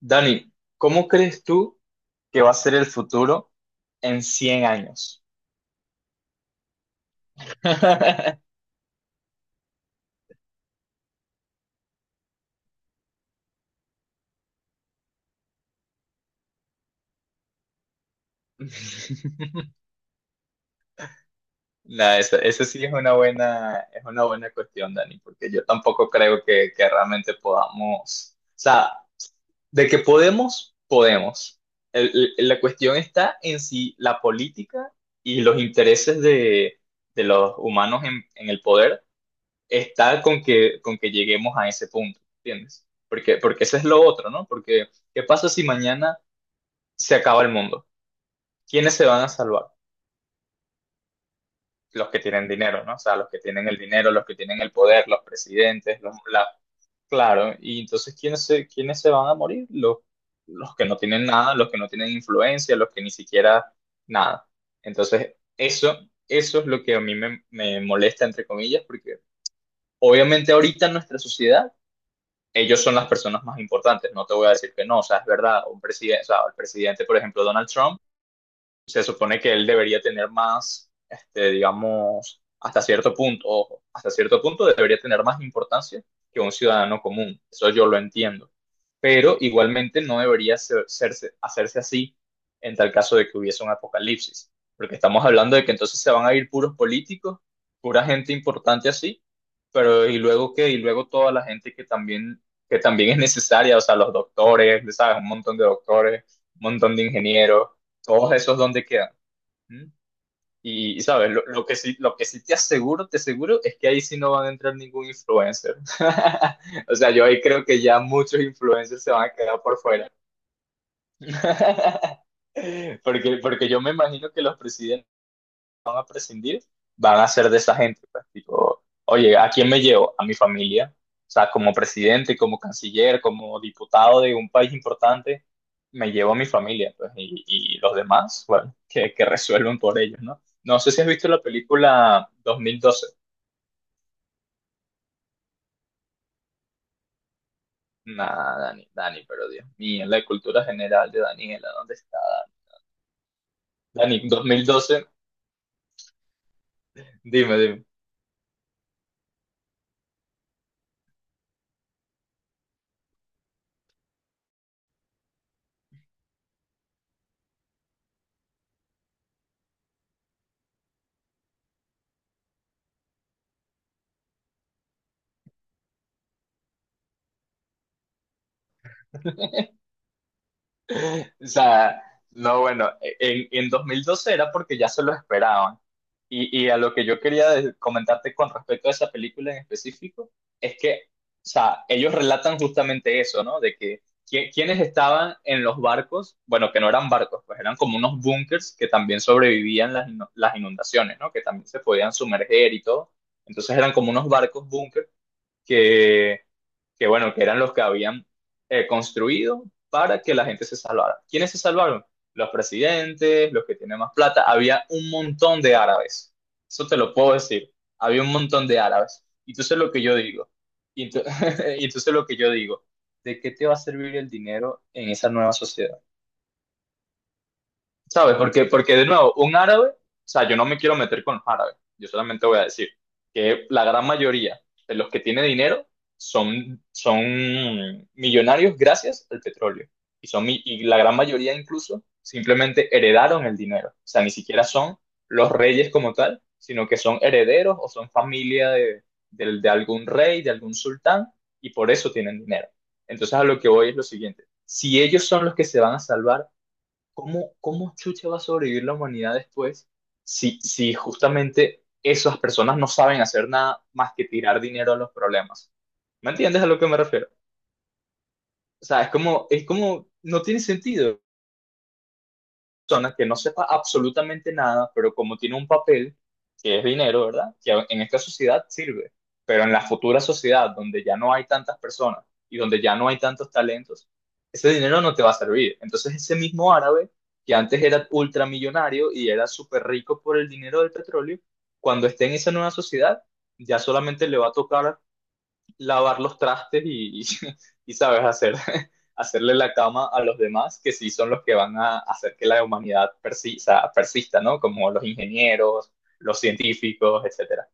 Dani, ¿cómo crees tú que va a ser el futuro en 100 años? Nah, esa sí es una buena cuestión, Dani, porque yo tampoco creo que realmente podamos, o sea, de que podemos, podemos. La cuestión está en si la política y los intereses de los humanos en el poder está con con que lleguemos a ese punto, ¿entiendes? Porque, porque eso es lo otro, ¿no? Porque, ¿qué pasa si mañana se acaba el mundo? ¿Quiénes se van a salvar? Los que tienen dinero, ¿no? O sea, los que tienen el dinero, los que tienen el poder, los presidentes, claro. Y entonces, ¿quiénes se van a morir? Los que no tienen nada, los que no tienen influencia, los que ni siquiera nada. Entonces, eso es lo que a mí me molesta, entre comillas, porque obviamente ahorita en nuestra sociedad ellos son las personas más importantes, no te voy a decir que no, o sea, es verdad, un presidente, o sea, el presidente, por ejemplo, Donald Trump, se supone que él debería tener más, este, digamos, hasta cierto punto, ojo, hasta cierto punto debería tener más importancia que un ciudadano común. Eso yo lo entiendo. Pero igualmente no debería hacerse así en tal caso de que hubiese un apocalipsis. Porque estamos hablando de que entonces se van a ir puros políticos, pura gente importante así, pero ¿y luego qué? Y luego toda la gente que que también es necesaria, o sea, los doctores, ¿sabes? Un montón de doctores, un montón de ingenieros, todos esos dónde quedan. ¿Mm? Sabes, lo que sí te aseguro, es que ahí sí no van a entrar ningún influencer. O sea, yo ahí creo que ya muchos influencers se van a quedar por fuera. Porque, porque yo me imagino que los presidentes van a prescindir, van a ser de esa gente. Pues, tipo, oye, ¿a quién me llevo? A mi familia. O sea, como presidente, como canciller, como diputado de un país importante, me llevo a mi familia. Pues, y los demás, bueno, que resuelven por ellos, ¿no? No sé si has visto la película 2012. Nah, Dani, Dani, pero Dios mío, la cultura general de Daniela, ¿dónde está Dani? Dani, 2012, dime, dime. O sea, no, bueno, en dos mil doce era porque ya se lo esperaban. Y a lo que yo quería comentarte con respecto a esa película en específico, es que, o sea, ellos relatan justamente eso, ¿no? De que quienes estaban en los barcos, bueno, que no eran barcos, pues eran como unos búnkers que también sobrevivían las inundaciones, ¿no? Que también se podían sumerger y todo. Entonces eran como unos barcos búnker que, que bueno, que eran los que habían construido para que la gente se salvara. ¿Quiénes se salvaron? Los presidentes, los que tienen más plata. Había un montón de árabes. Eso te lo puedo decir. Había un montón de árabes. Y tú sabes lo que yo digo. Y tú, y tú lo que yo digo. ¿De qué te va a servir el dinero en esa nueva sociedad? ¿Sabes? Porque, porque de nuevo, un árabe, o sea, yo no me quiero meter con los árabes, yo solamente voy a decir que la gran mayoría de los que tienen dinero son, son millonarios gracias al petróleo. Y la gran mayoría incluso simplemente heredaron el dinero. O sea, ni siquiera son los reyes como tal, sino que son herederos o son familia de algún rey, de algún sultán, y por eso tienen dinero. Entonces a lo que voy es lo siguiente. Si ellos son los que se van a salvar, ¿cómo, cómo chucha va a sobrevivir la humanidad después si justamente esas personas no saben hacer nada más que tirar dinero a los problemas? ¿Me entiendes a lo que me refiero? O sea, es como, no tiene sentido persona que no sepa absolutamente nada, pero como tiene un papel, que es dinero, ¿verdad? Que en esta sociedad sirve, pero en la futura sociedad donde ya no hay tantas personas y donde ya no hay tantos talentos, ese dinero no te va a servir. Entonces ese mismo árabe que antes era ultramillonario y era súper rico por el dinero del petróleo, cuando esté en esa nueva sociedad, ya solamente le va a tocar lavar los trastes y, sabes hacer, hacerle la cama a los demás, que sí son los que van a hacer que la humanidad persista, persista, ¿no? Como los ingenieros, los científicos, etcétera.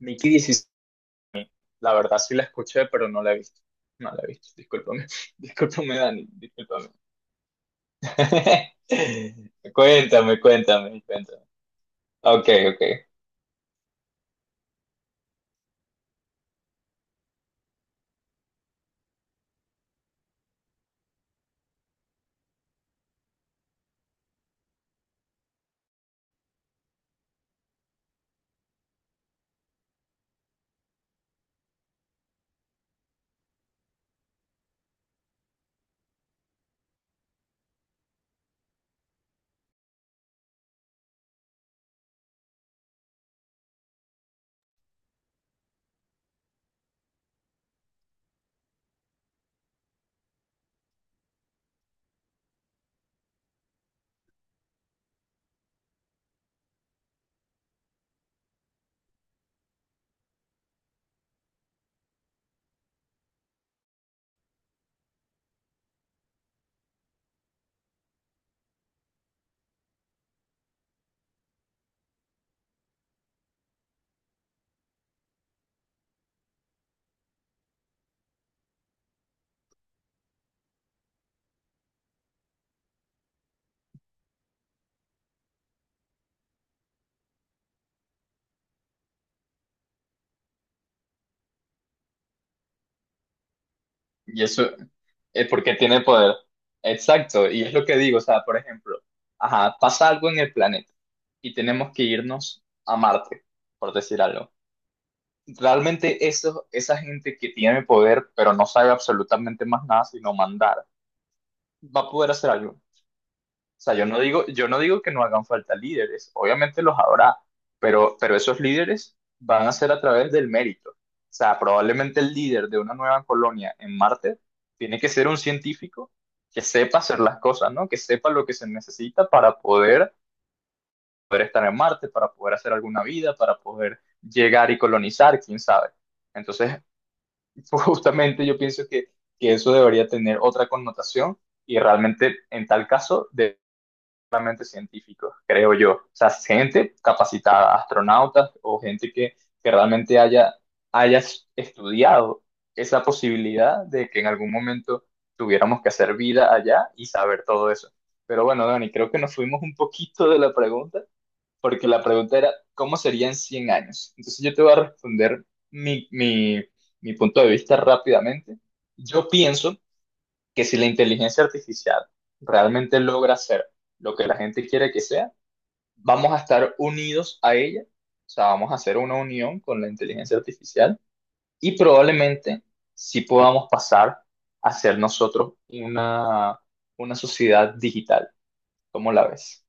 Mickey 16, la verdad sí la escuché, pero no la he visto. No la he visto, discúlpame, discúlpame Dani, discúlpame. Cuéntame, cuéntame, cuéntame. Ok, ok. Y eso, porque tiene poder. Exacto, y es lo que digo, o sea, por ejemplo, ajá, pasa algo en el planeta y tenemos que irnos a Marte, por decir algo. Realmente eso, esa gente que tiene poder, pero no sabe absolutamente más nada sino mandar, va a poder hacer algo. O sea, yo no digo que no hagan falta líderes, obviamente los habrá, pero esos líderes van a ser a través del mérito. O sea, probablemente el líder de una nueva colonia en Marte tiene que ser un científico que sepa hacer las cosas, ¿no? Que sepa lo que se necesita para poder estar en Marte, para poder hacer alguna vida, para poder llegar y colonizar, quién sabe. Entonces, justamente yo pienso que eso debería tener otra connotación y realmente en tal caso solamente científicos, creo yo. O sea, gente capacitada, astronautas o gente que realmente haya, haya estudiado esa posibilidad de que en algún momento tuviéramos que hacer vida allá y saber todo eso. Pero bueno, Dani, creo que nos fuimos un poquito de la pregunta, porque la pregunta era, ¿cómo serían 100 años? Entonces yo te voy a responder mi, mi, mi punto de vista rápidamente. Yo pienso que si la inteligencia artificial realmente logra hacer lo que la gente quiere que sea, vamos a estar unidos a ella, o sea, vamos a hacer una unión con la inteligencia artificial y probablemente sí podamos pasar a ser nosotros una sociedad digital. ¿Cómo la ves?